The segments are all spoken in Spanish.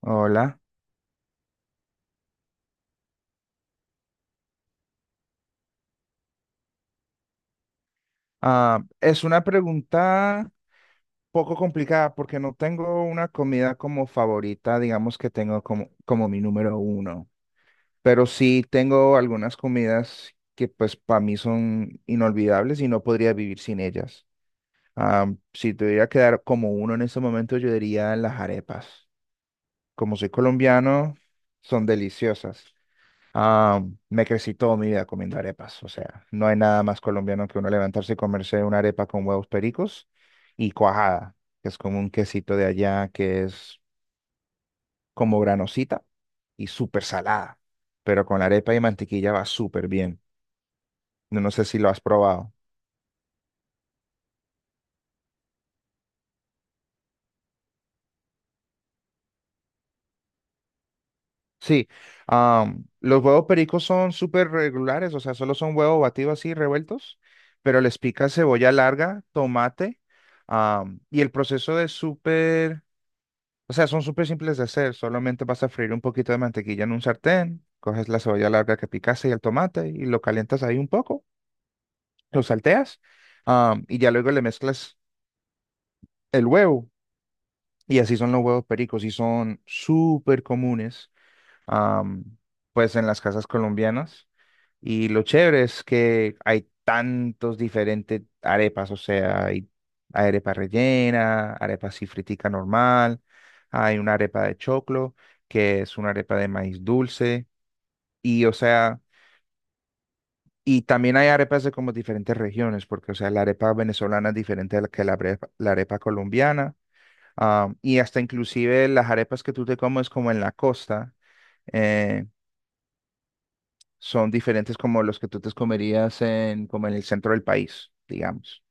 Hola. Es una pregunta poco complicada porque no tengo una comida como favorita, digamos que tengo como mi número uno, pero sí tengo algunas comidas que pues para mí son inolvidables y no podría vivir sin ellas. Si tuviera que dar como uno en este momento, yo diría las arepas. Como soy colombiano, son deliciosas. Ah, Me crecí toda mi vida comiendo arepas, o sea, no hay nada más colombiano que uno levantarse y comerse una arepa con huevos pericos y cuajada, que es como un quesito de allá que es como granosita y súper salada, pero con arepa y mantequilla va súper bien. No, no sé si lo has probado. Sí, ah, los huevos pericos son súper regulares, o sea, solo son huevos batidos así, revueltos, pero les pica cebolla larga, tomate, ah, y el proceso de súper. O sea, son súper simples de hacer. Solamente vas a freír un poquito de mantequilla en un sartén, coges la cebolla larga que picaste y el tomate y lo calientas ahí un poco, lo salteas, y ya luego le mezclas el huevo. Y así son los huevos pericos y son súper comunes, am, pues en las casas colombianas. Y lo chévere es que hay tantos diferentes arepas, o sea, hay arepa rellena, arepa así fritica normal, hay una arepa de choclo, que es una arepa de maíz dulce, y o sea, y también hay arepas de como diferentes regiones, porque o sea, la arepa venezolana es diferente a la arepa colombiana, y hasta inclusive las arepas que tú te comes como en la costa. eh, Son diferentes como los que tú te comerías en, como en el centro del país, digamos.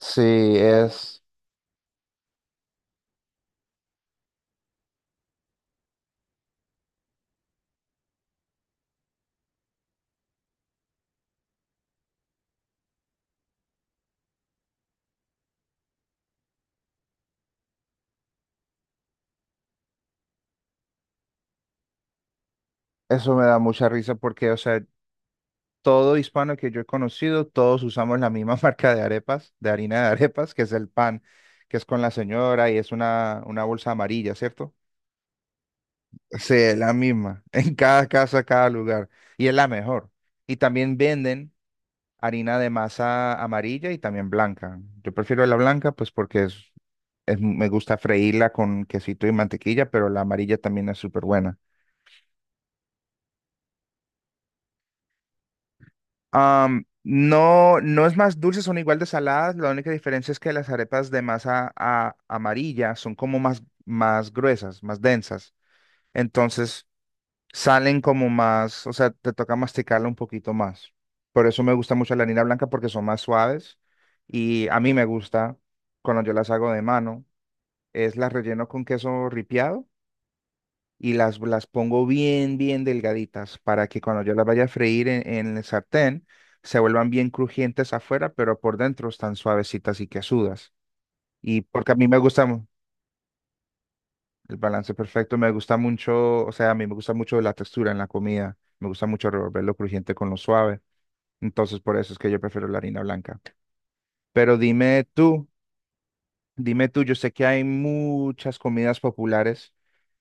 Sí, es, eso me da mucha risa porque, o sea, todo hispano que yo he conocido, todos usamos la misma marca de arepas, de harina de arepas, que es el pan, que es con la señora y es una bolsa amarilla, ¿cierto? Sí, es la misma, en cada casa, cada lugar, y es la mejor. Y también venden harina de masa amarilla y también blanca. Yo prefiero la blanca pues porque me gusta freírla con quesito y mantequilla, pero la amarilla también es súper buena. No, no es más dulce, son igual de saladas. La única diferencia es que las arepas de masa amarilla son como más, más gruesas, más densas. Entonces salen como más, o sea, te toca masticarla un poquito más. Por eso me gusta mucho la harina blanca porque son más suaves y a mí me gusta cuando yo las hago de mano. Es las relleno con queso ripiado y las pongo bien, bien delgaditas para que cuando yo las vaya a freír en el sartén se vuelvan bien crujientes afuera, pero por dentro están suavecitas y quesudas. Y porque a mí me gusta el balance perfecto, me gusta mucho, o sea, a mí me gusta mucho la textura en la comida, me gusta mucho revolver lo crujiente con lo suave. Entonces, por eso es que yo prefiero la harina blanca. Pero dime tú, dime tú, yo sé que hay muchas comidas populares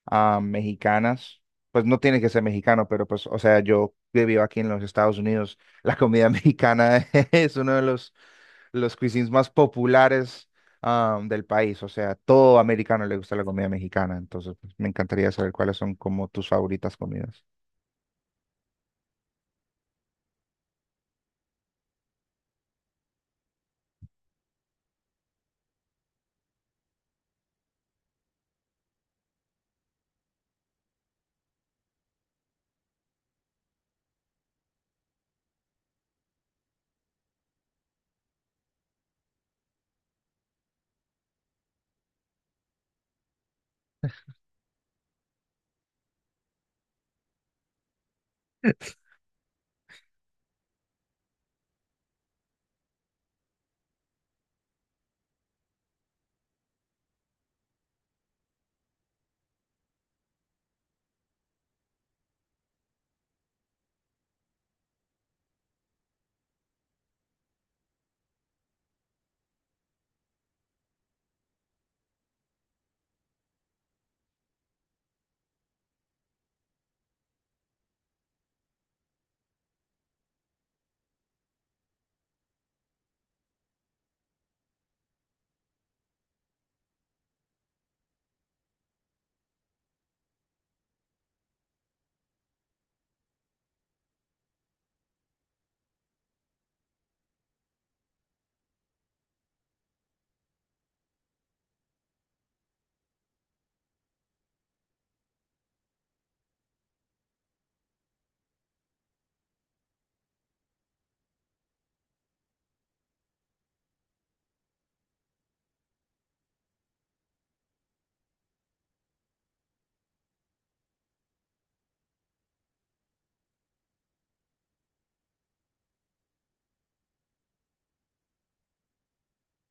mexicanas, pues no tiene que ser mexicano, pero pues, o sea, yo que vivo aquí en los Estados Unidos, la comida mexicana es uno de los cuisines más populares del país, o sea, todo americano le gusta la comida mexicana, entonces pues, me encantaría saber cuáles son como tus favoritas comidas.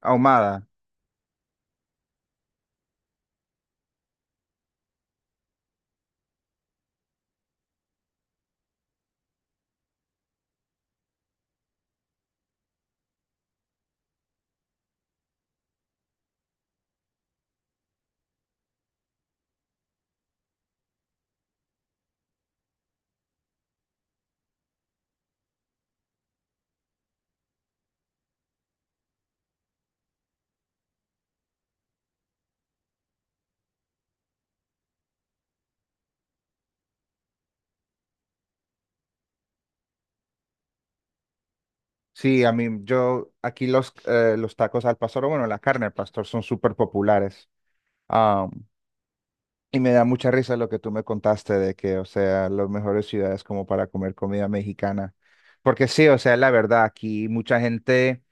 Ahumada, sí, a mí, yo, aquí los tacos al pastor, o bueno, la carne al pastor son súper populares. Y me da mucha risa lo que tú me contaste de que, o sea, las mejores ciudades como para comer comida mexicana. Porque sí, o sea, la verdad, aquí mucha gente,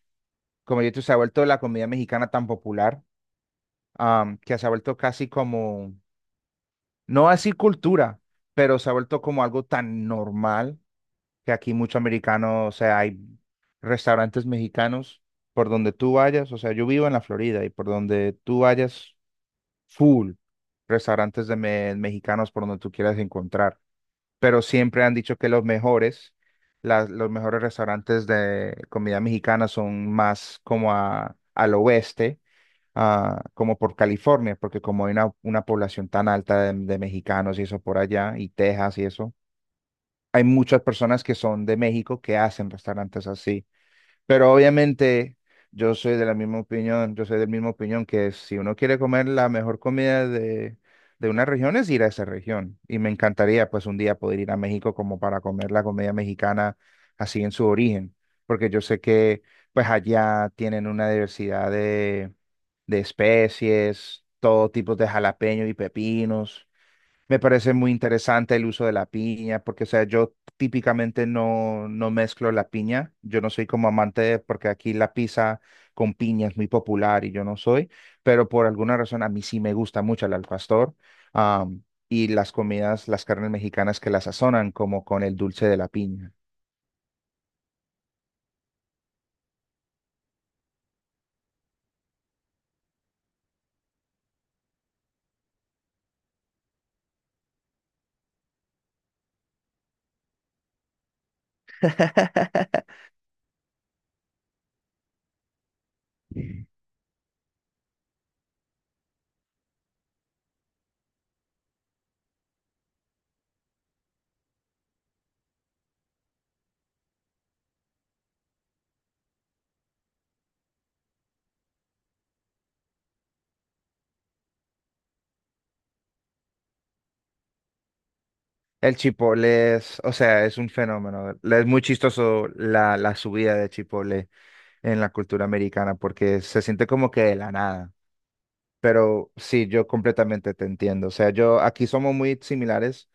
como yo, se ha vuelto la comida mexicana tan popular, que se ha vuelto casi como, no así cultura, pero se ha vuelto como algo tan normal que aquí mucho americano, o sea, hay restaurantes mexicanos por donde tú vayas, o sea, yo vivo en la Florida y por donde tú vayas, full restaurantes de mexicanos por donde tú quieras encontrar. Pero siempre han dicho que los mejores, los mejores restaurantes de comida mexicana son más como al oeste, como por California, porque como hay una población tan alta de mexicanos y eso por allá, y Texas y eso, hay muchas personas que son de México que hacen restaurantes así. Pero obviamente yo soy de la misma opinión, yo soy de la misma opinión que si uno quiere comer la mejor comida de una región es ir a esa región. Y me encantaría pues un día poder ir a México como para comer la comida mexicana así en su origen, porque yo sé que pues allá tienen una diversidad de especies, todo tipo de jalapeños y pepinos. Me parece muy interesante el uso de la piña, porque, o sea, yo típicamente no, no mezclo la piña. Yo no soy como amante, porque aquí la pizza con piña es muy popular y yo no soy, pero por alguna razón a mí sí me gusta mucho el al pastor. am, y las comidas, las carnes mexicanas que la sazonan, como con el dulce de la piña. El chipotle es, o sea, es un fenómeno. Es muy chistoso la subida de chipotle en la cultura americana, porque se siente como que de la nada. Pero sí, yo completamente te entiendo. O sea, yo aquí somos muy similares.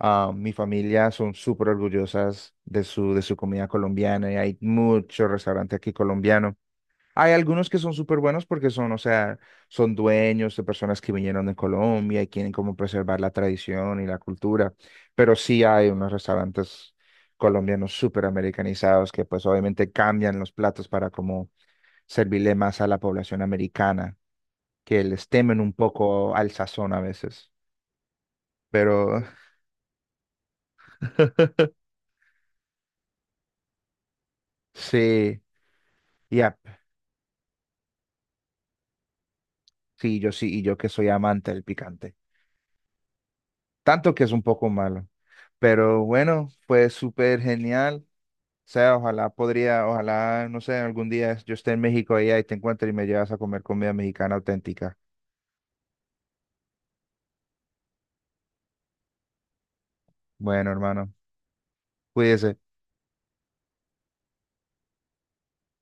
Mi familia son súper orgullosas de de su comida colombiana y hay muchos restaurantes aquí colombianos. Hay algunos que son súper buenos porque son, o sea, son dueños de personas que vinieron de Colombia y quieren como preservar la tradición y la cultura. Pero sí hay unos restaurantes colombianos súper americanizados que pues obviamente cambian los platos para como servirle más a la población americana que les temen un poco al sazón a veces. Pero sí, ya, sí, yo sí, y yo que soy amante del picante. Tanto que es un poco malo. Pero bueno, fue súper genial. O sea, ojalá podría, ojalá, no sé, algún día yo esté en México allá y te encuentre y me llevas a comer comida mexicana auténtica. Bueno, hermano, cuídese.